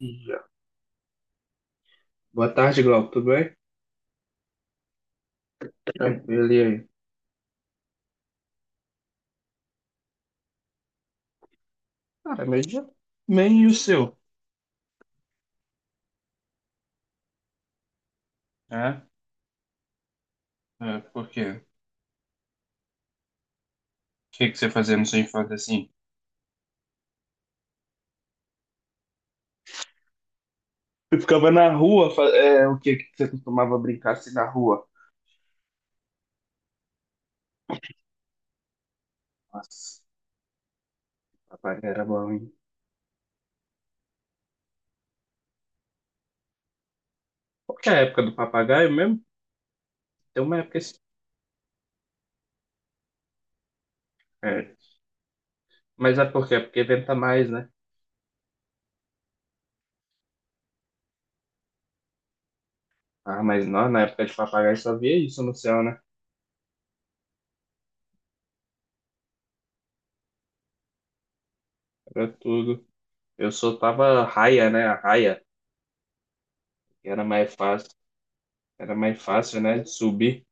Já. Boa tarde, Glauco. Tudo bem? Tranquilo, e aí? Cara, meio dia. Meio o seu. É? É, por quê? O que que você fazia na sua infância assim? Eu ficava na rua, é, o que que você costumava brincar assim na rua? Nossa, papagaio era bom, hein? Qual que é a época do papagaio mesmo? Tem uma época assim. É. Mas é por quê? Porque venta mais, né? Ah, mas não, na época de papagaio só via isso no céu, né? Era tudo. Eu soltava raia, né? A raia, que era mais fácil. Era mais fácil, né? De subir.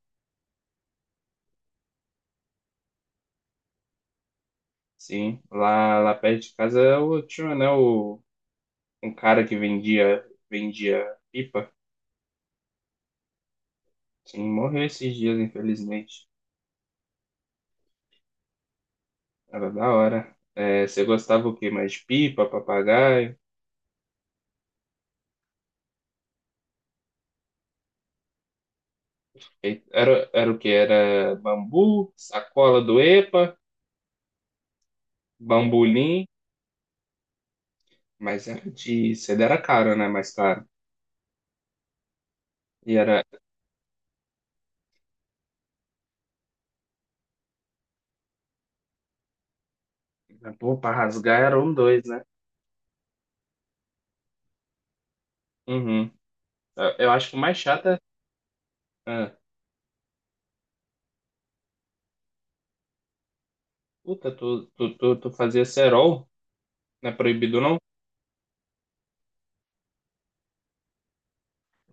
Sim, lá perto de casa eu tinha, né, o, um cara que vendia, pipa. Sim, morreu esses dias, infelizmente. Era da hora. É, você gostava o quê? Mais de pipa, papagaio? Era o quê? Era bambu, sacola do EPA, bambolim, mas era de... Cedo era caro, né? Mais caro. E era... Pô, pra rasgar era um dois, né? Uhum. Eu acho que o mais chato é... Ah, puta, tu fazia cerol? Não é proibido, não?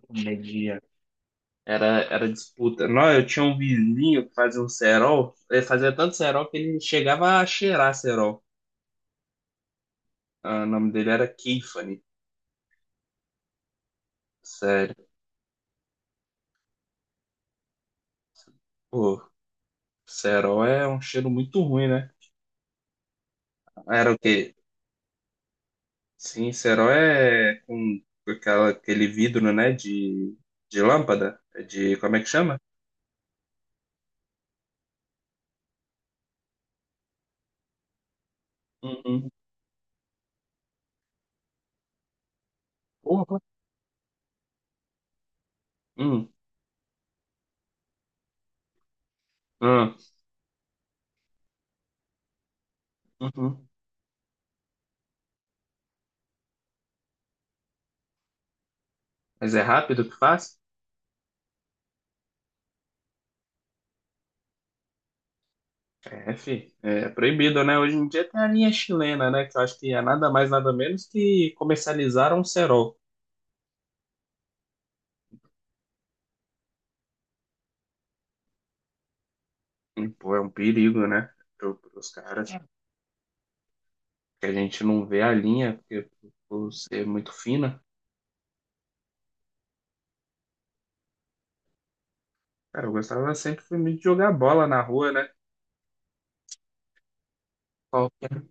Comedia. Era disputa. Não, eu tinha um vizinho que fazia um cerol. Ele fazia tanto cerol que ele chegava a cheirar cerol. Ah, o nome dele era Keifany. Sério. Pô, cerol é um cheiro muito ruim, né? Era o quê? Sim, cerol é com aquela, aquele vidro, né? de lâmpada. É. De, como é que chama? Uhum. Porra. Hum, hum. Ah. Uhum. Mas é rápido que faz? É, é proibido, né? Hoje em dia tem a linha chilena, né? Que eu acho que é nada mais, nada menos que comercializar um cerol. E, pô, é um perigo, né? Pros caras. É. Que a gente não vê a linha, porque por ser muito fina. Cara, eu gostava sempre de jogar bola na rua, né? Qualquer,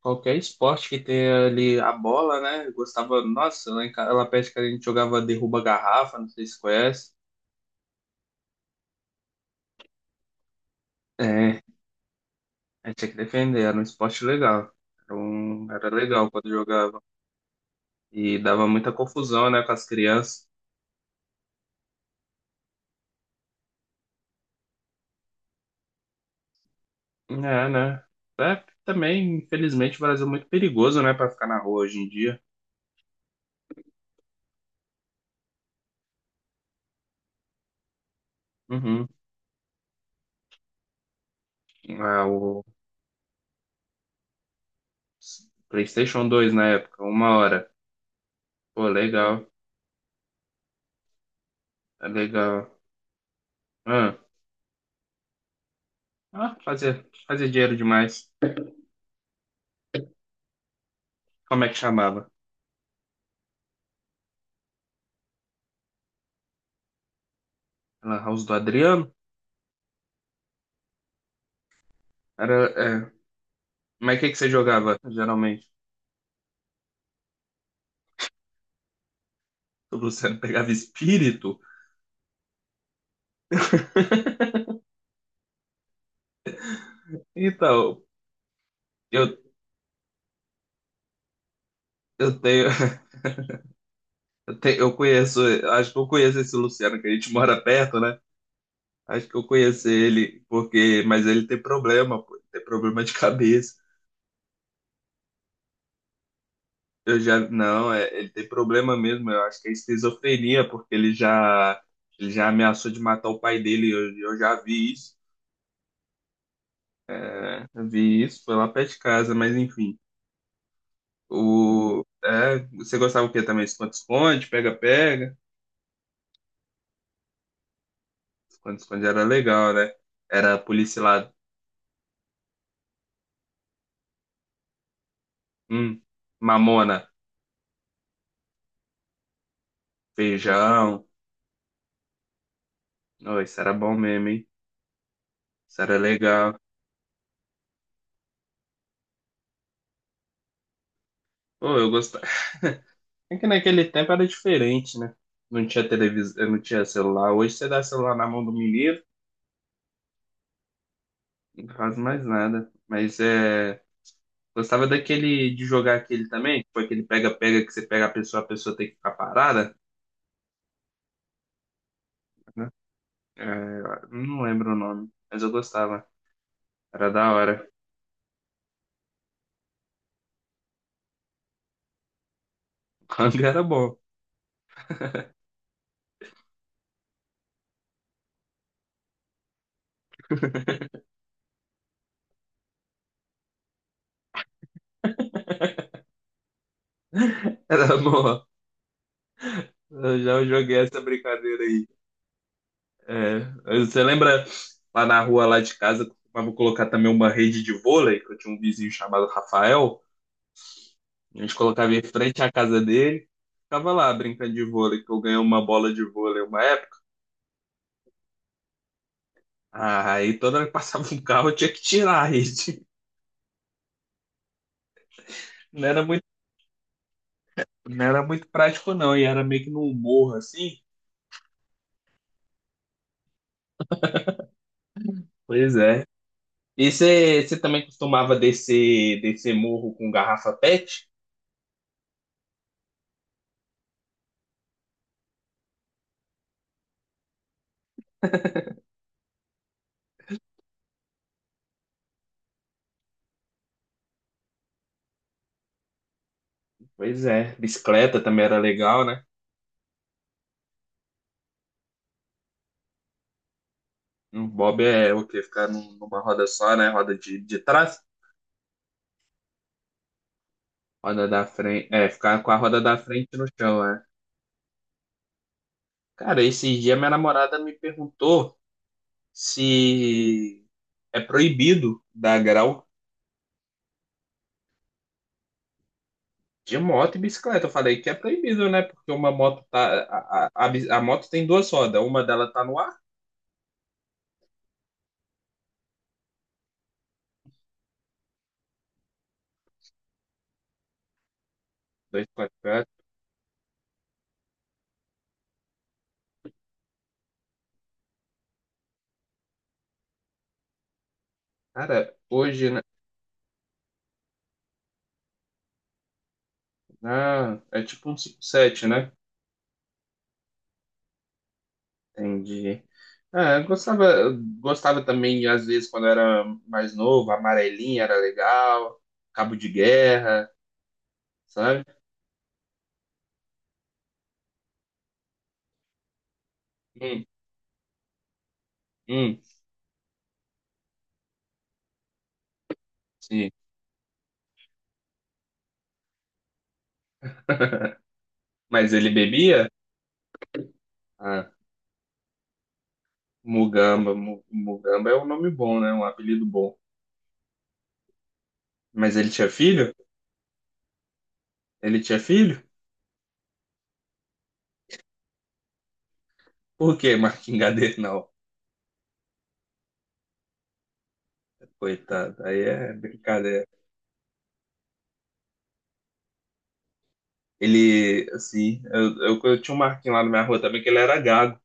qualquer esporte que tenha ali a bola, né? Eu gostava, nossa, lá em casa, lá perto que a gente jogava derruba garrafa, não sei se conhece. É, a gente tinha que defender, era um esporte legal. Era legal quando jogava. E dava muita confusão, né, com as crianças. É, né? É, também, infelizmente, o Brasil é muito perigoso, né, para ficar na rua hoje em dia. Uhum. Ah, o PlayStation 2 na época, uma hora. Pô, legal, é legal. Ah, ah, fazia dinheiro demais. Como é que chamava? Era House do Adriano? Era, é. Mas o que que você jogava, geralmente? O Luciano pegava espírito? Então, eu, eu tenho. Eu conheço, acho que eu conheço esse Luciano, que a gente mora perto, né? Acho que eu conheço ele, porque, mas ele tem problema, pô, ele tem problema de cabeça. Eu já, não, é, ele tem problema mesmo, eu acho que é esquizofrenia, porque ele já ameaçou de matar o pai dele, eu já vi isso, é, eu vi isso, foi lá perto de casa, mas enfim. O, é, você gostava o quê também? Esconde-esconde, pega-pega? Esconde-esconde era legal, né? Era policial, hum, mamona. Feijão. Oh, isso era bom mesmo, hein? Isso era legal. Oh, eu gostava. É que naquele tempo era diferente, né? Não tinha televisão, não tinha celular. Hoje você dá celular na mão do menino, não faz mais nada. Mas é. Gostava daquele de jogar aquele também, foi aquele pega-pega que você pega a pessoa tem que ficar parada, né? É, não lembro o nome, mas eu gostava. Era da hora. Hang era bom. Era bom. Eu já joguei essa brincadeira aí. É, você lembra lá na rua lá de casa, costumava colocar também uma rede de vôlei, que eu tinha um vizinho chamado Rafael. A gente colocava em frente à casa dele, ficava lá brincando de vôlei, que eu ganhei uma bola de vôlei uma época, ah, aí toda hora que passava um carro eu tinha que tirar a rede. Não era muito, não era muito prático não, e era meio que num morro assim. Pois é. E você também costumava descer morro com garrafa PET? Pois é, bicicleta também era legal, né? Um bob é o quê? Ficar numa roda só, né? Roda de trás, roda da frente. É, ficar com a roda da frente no chão, né? Cara, esses dias minha namorada me perguntou se é proibido dar grau de moto e bicicleta. Eu falei que é proibido, né? Porque uma moto tá. A moto tem duas rodas, uma dela tá no ar, dois quatro. Cara, hoje, né? Ah, é tipo um 7, né? Entendi. É, eu gostava também, às vezes, quando era mais novo, amarelinha era legal, cabo de guerra, sabe? Hum, hum, sim. Mas ele bebia? Ah, Mugamba é um nome bom, né? Um apelido bom. Mas ele tinha filho? Ele tinha filho? Por que Marquingadeira não? Coitado, aí é brincadeira. Ele, assim, eu tinha um Marquinhos lá na minha rua também, que ele era gago.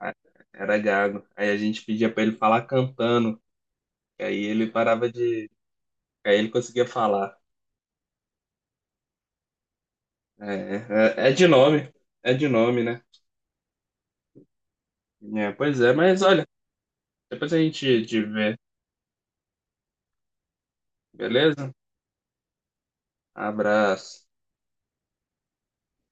Ah, era gago. Aí a gente pedia pra ele falar cantando. E aí ele parava de. Aí ele conseguia falar. É, é de nome. É de nome, né? É, pois é, mas olha, depois a gente te vê, beleza? Abraço.